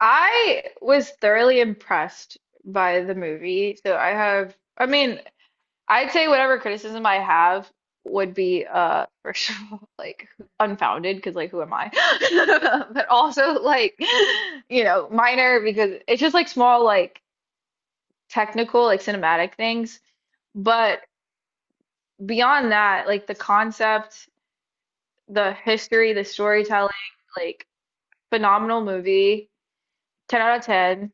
I was thoroughly impressed by the movie. I'd say whatever criticism I have would be, first of all, like unfounded because, like, who am I? But also, like, minor because it's just like small, like technical, like cinematic things. But beyond that, like the concept, the history, the storytelling, like phenomenal movie, 10 out of 10,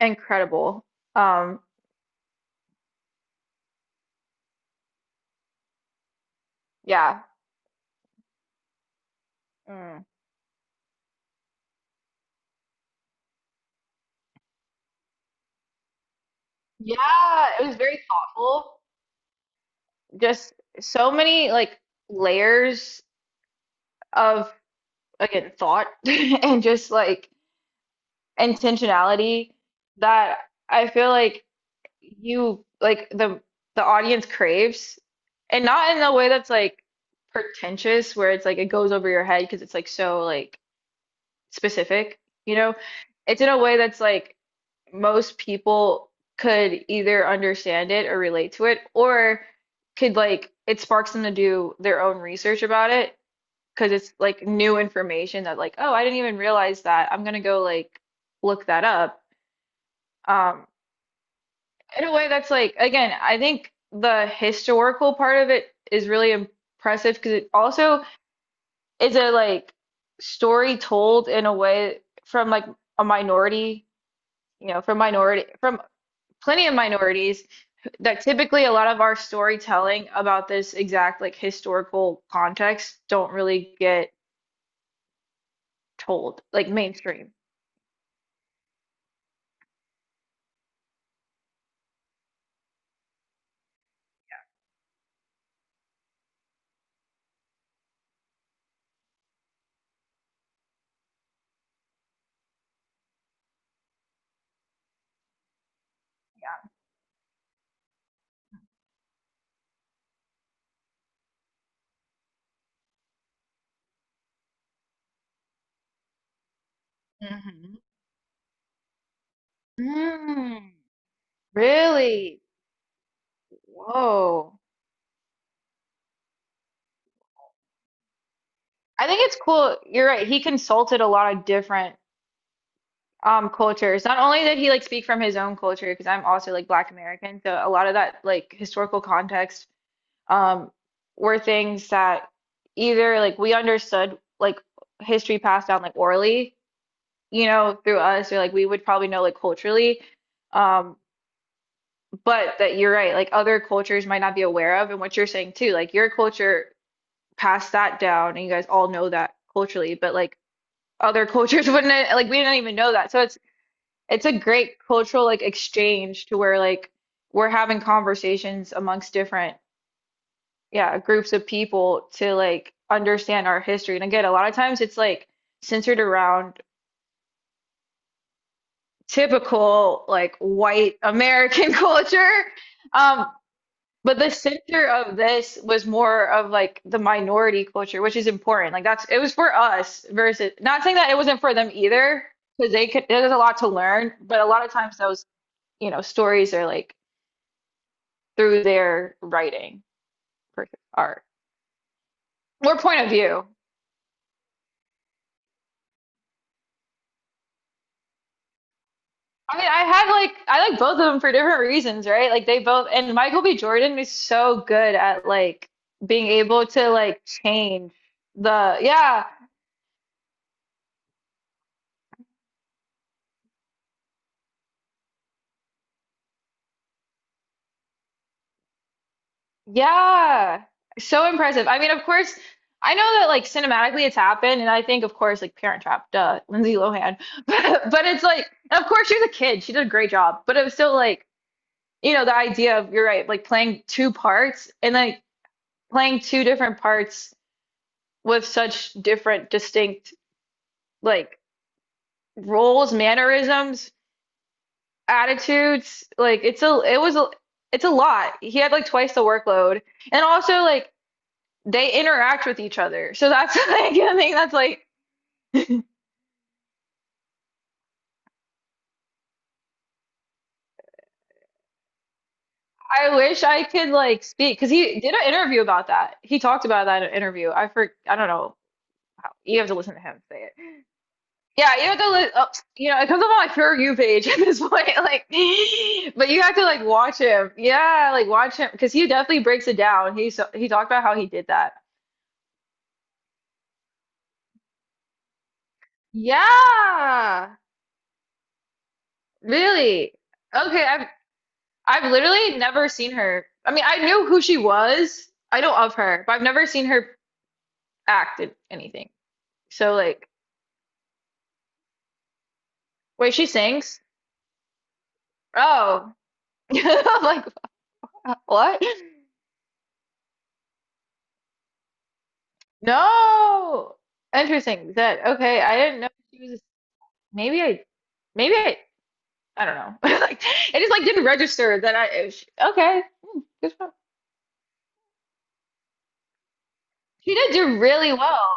incredible. Um, yeah, Mm. Yeah, it was very thoughtful. Just so many like layers of again thought and just like intentionality that I feel like you like the audience craves, and not in a way that's like pretentious where it's like it goes over your head because it's like so like specific, you know? It's in a way that's like most people could either understand it or relate to it, or could like it sparks them to do their own research about it because it's like new information that like, oh, I didn't even realize that, I'm gonna go like look that up. um in a way that's like, again, I think the historical part of it is really impressive because it also is a like story told in a way from like a minority, from minority, from plenty of minorities, that typically a lot of our storytelling about this exact like historical context don't really get told, like mainstream. Hmm Mm, really? Whoa. I think it's cool. You're right. He consulted a lot of different cultures. Not only did he like speak from his own culture, because I'm also like Black American, so a lot of that like historical context um were things that either like we understood, like history passed down like orally, you know, through us, or like we would probably know like culturally. Um, but that you're right, like other cultures might not be aware of, and what you're saying too, like your culture passed that down, and you guys all know that culturally, but like other cultures wouldn't, like, we didn't even know that. So it's a great cultural like exchange to where like we're having conversations amongst different yeah groups of people to like understand our history. And again, a lot of times it's like centered around typical like white American culture. Um, but the center of this was more of like the minority culture, which is important. Like that's it was for us versus, not saying that it wasn't for them either, because they could, there's a lot to learn, but a lot of times those, you know, stories are like through their writing, art, or point of view. I mean, I have like I like both of them for different reasons, right? Like they both, and Michael B. Jordan is so good at like being able to like change the yeah, yeah. So impressive. I mean, of course, I know that like cinematically it's happened, and I think of course like Parent Trap, duh, Lindsay Lohan. But it's like, of course she's a kid, she did a great job, but it was still like, you know, the idea of, you're right, like playing two parts, and like playing two different parts with such different distinct like roles, mannerisms, attitudes. Like it was a it's a lot. He had like twice the workload. And also like they interact with each other. So that's like I thing that's like I wish I could like speak because he did an interview about that. He talked about that in an interview. I don't know. You have to listen to him say it. Yeah, you have to li Oh, you know, it comes up on my For You page at this point. Like, but you have to like watch him. Yeah, like watch him, because he definitely breaks it down. He so he talked about how he did that. Yeah, really. Okay, I've literally never seen her. I mean, I knew who she was. I know of her, but I've never seen her act in anything. So like, wait, she sings? Oh. I'm like, what? No. Interesting. That okay, I didn't know she was maybe I maybe I don't know. Like it just like didn't register that I it was- okay. Hmm, good for her. She did do really well.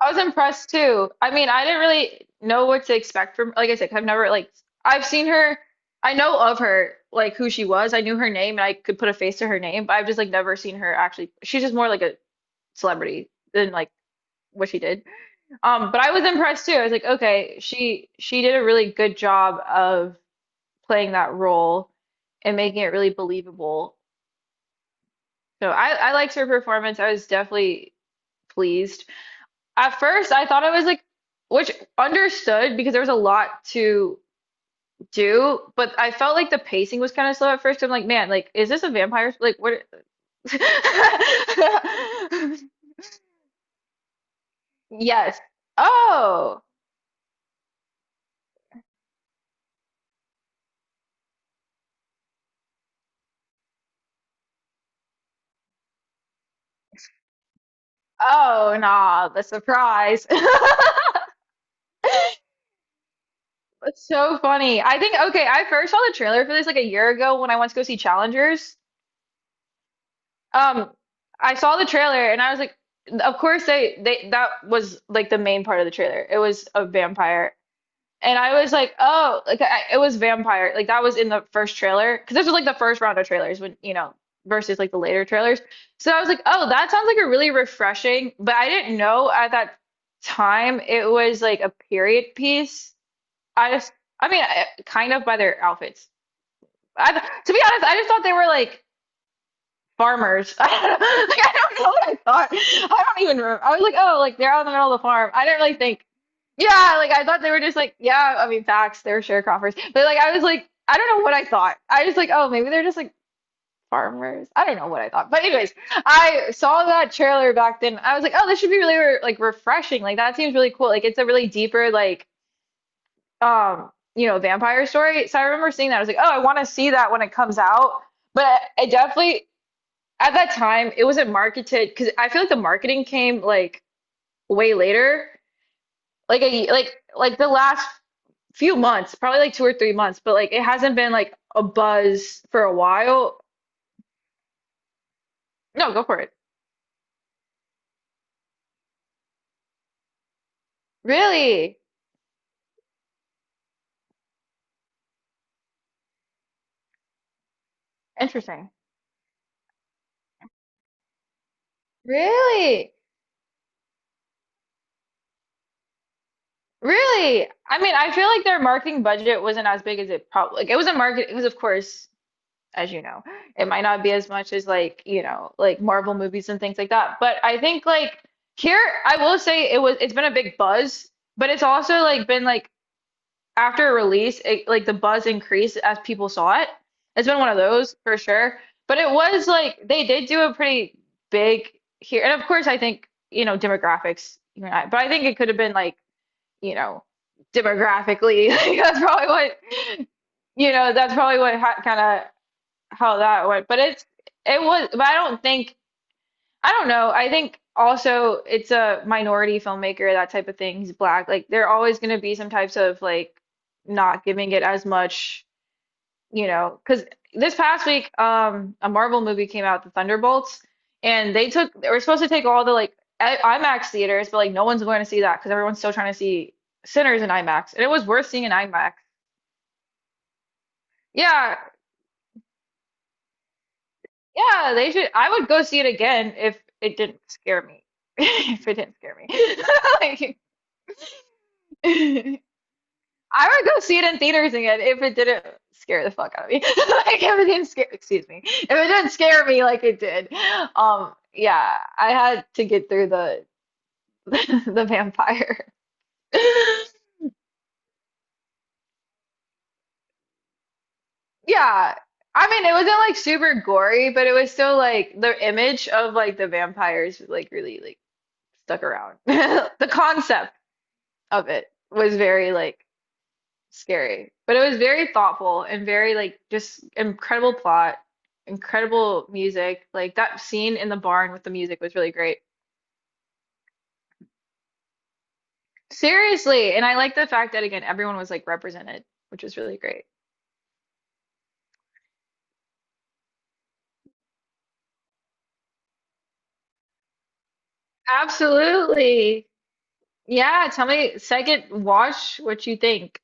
I was impressed too. I mean, I didn't really know what to expect from, like I said, 'cause I've never like I've seen her, I know of her, like who she was. I knew her name and I could put a face to her name, but I've just like never seen her actually. She's just more like a celebrity than like what she did. But I was impressed too. I was like, okay, she did a really good job of playing that role and making it really believable. So I liked her performance. I was definitely pleased. At first, I thought I was like, which understood because there was a lot to do, but I felt like the pacing was kind of slow at first. I'm like, man, like, is this a vampire? Like, what? Yes. Oh, oh, nah, the surprise. That's so funny. I think okay, I first saw the trailer for this like a year ago when I went to go see Challengers. Um, I saw the trailer and I was like, of course they that was like the main part of the trailer. It was a vampire. And I was like, oh, like I, it was vampire. Like that was in the first trailer because this was like the first round of trailers when, you know, versus like the later trailers. So I was like, oh, that sounds like a really refreshing, but I didn't know at that time it was like a period piece. I just, I mean, I, kind of by their outfits. I, to be honest, I just thought they were like farmers. I don't know, like, I don't know what I thought. I don't even remember. I was like, oh, like they're out in the middle of the farm. I didn't really think. Yeah, like I thought they were just like, yeah, I mean, facts, they're sharecroppers. But like, I was like, I don't know what I thought. I was like, oh, maybe they're just like farmers. I don't know what I thought. But anyways, I saw that trailer back then. I was like, oh, this should be really re- like refreshing. Like that seems really cool. Like it's a really deeper like you know, vampire story. So I remember seeing that. I was like, oh, I want to see that when it comes out. But it definitely at that time it wasn't marketed because I feel like the marketing came like way later, like the last few months, probably like 2 or 3 months, but like it hasn't been like a buzz for a while. No, go for it. Really interesting. Really, really. I mean, I feel like their marketing budget wasn't as big as it probably it wasn't market. It was of course, as you know. It might not be as much as like, you know, like Marvel movies and things like that. But I think like here, I will say it was it's been a big buzz, but it's also like been like after a release, it, like the buzz increased as people saw it. It's been one of those for sure. But it was like they did do a pretty big here, and of course I think, you know, demographics, you know, but I think it could have been like, you know, demographically, like that's probably what that's probably what ha kind of how that went, but it was, but I don't know. I think also it's a minority filmmaker, that type of thing. He's black. Like there are always going to be some types of like not giving it as much, you know, because this past week, a Marvel movie came out, The Thunderbolts, and they were supposed to take all the like I- IMAX theaters, but like no one's going to see that because everyone's still trying to see Sinners in IMAX, and it was worth seeing in IMAX. Yeah, yeah, they should. I would go see it again if it didn't scare me. If it didn't scare me. Like, I would go see it in theaters again if it didn't scare the fuck out of me. Like, if it didn't scare, excuse me, if it didn't scare me like it did. Yeah, I had to get through the the vampire. Yeah. I mean, it wasn't like super gory, but it was still like the image of like the vampires like really like stuck around. The concept of it was very like scary. But it was very thoughtful and very like just incredible plot, incredible music. Like that scene in the barn with the music was really great. Seriously, and I like the fact that again everyone was like represented, which was really great. Absolutely. Yeah, tell me second watch what you think.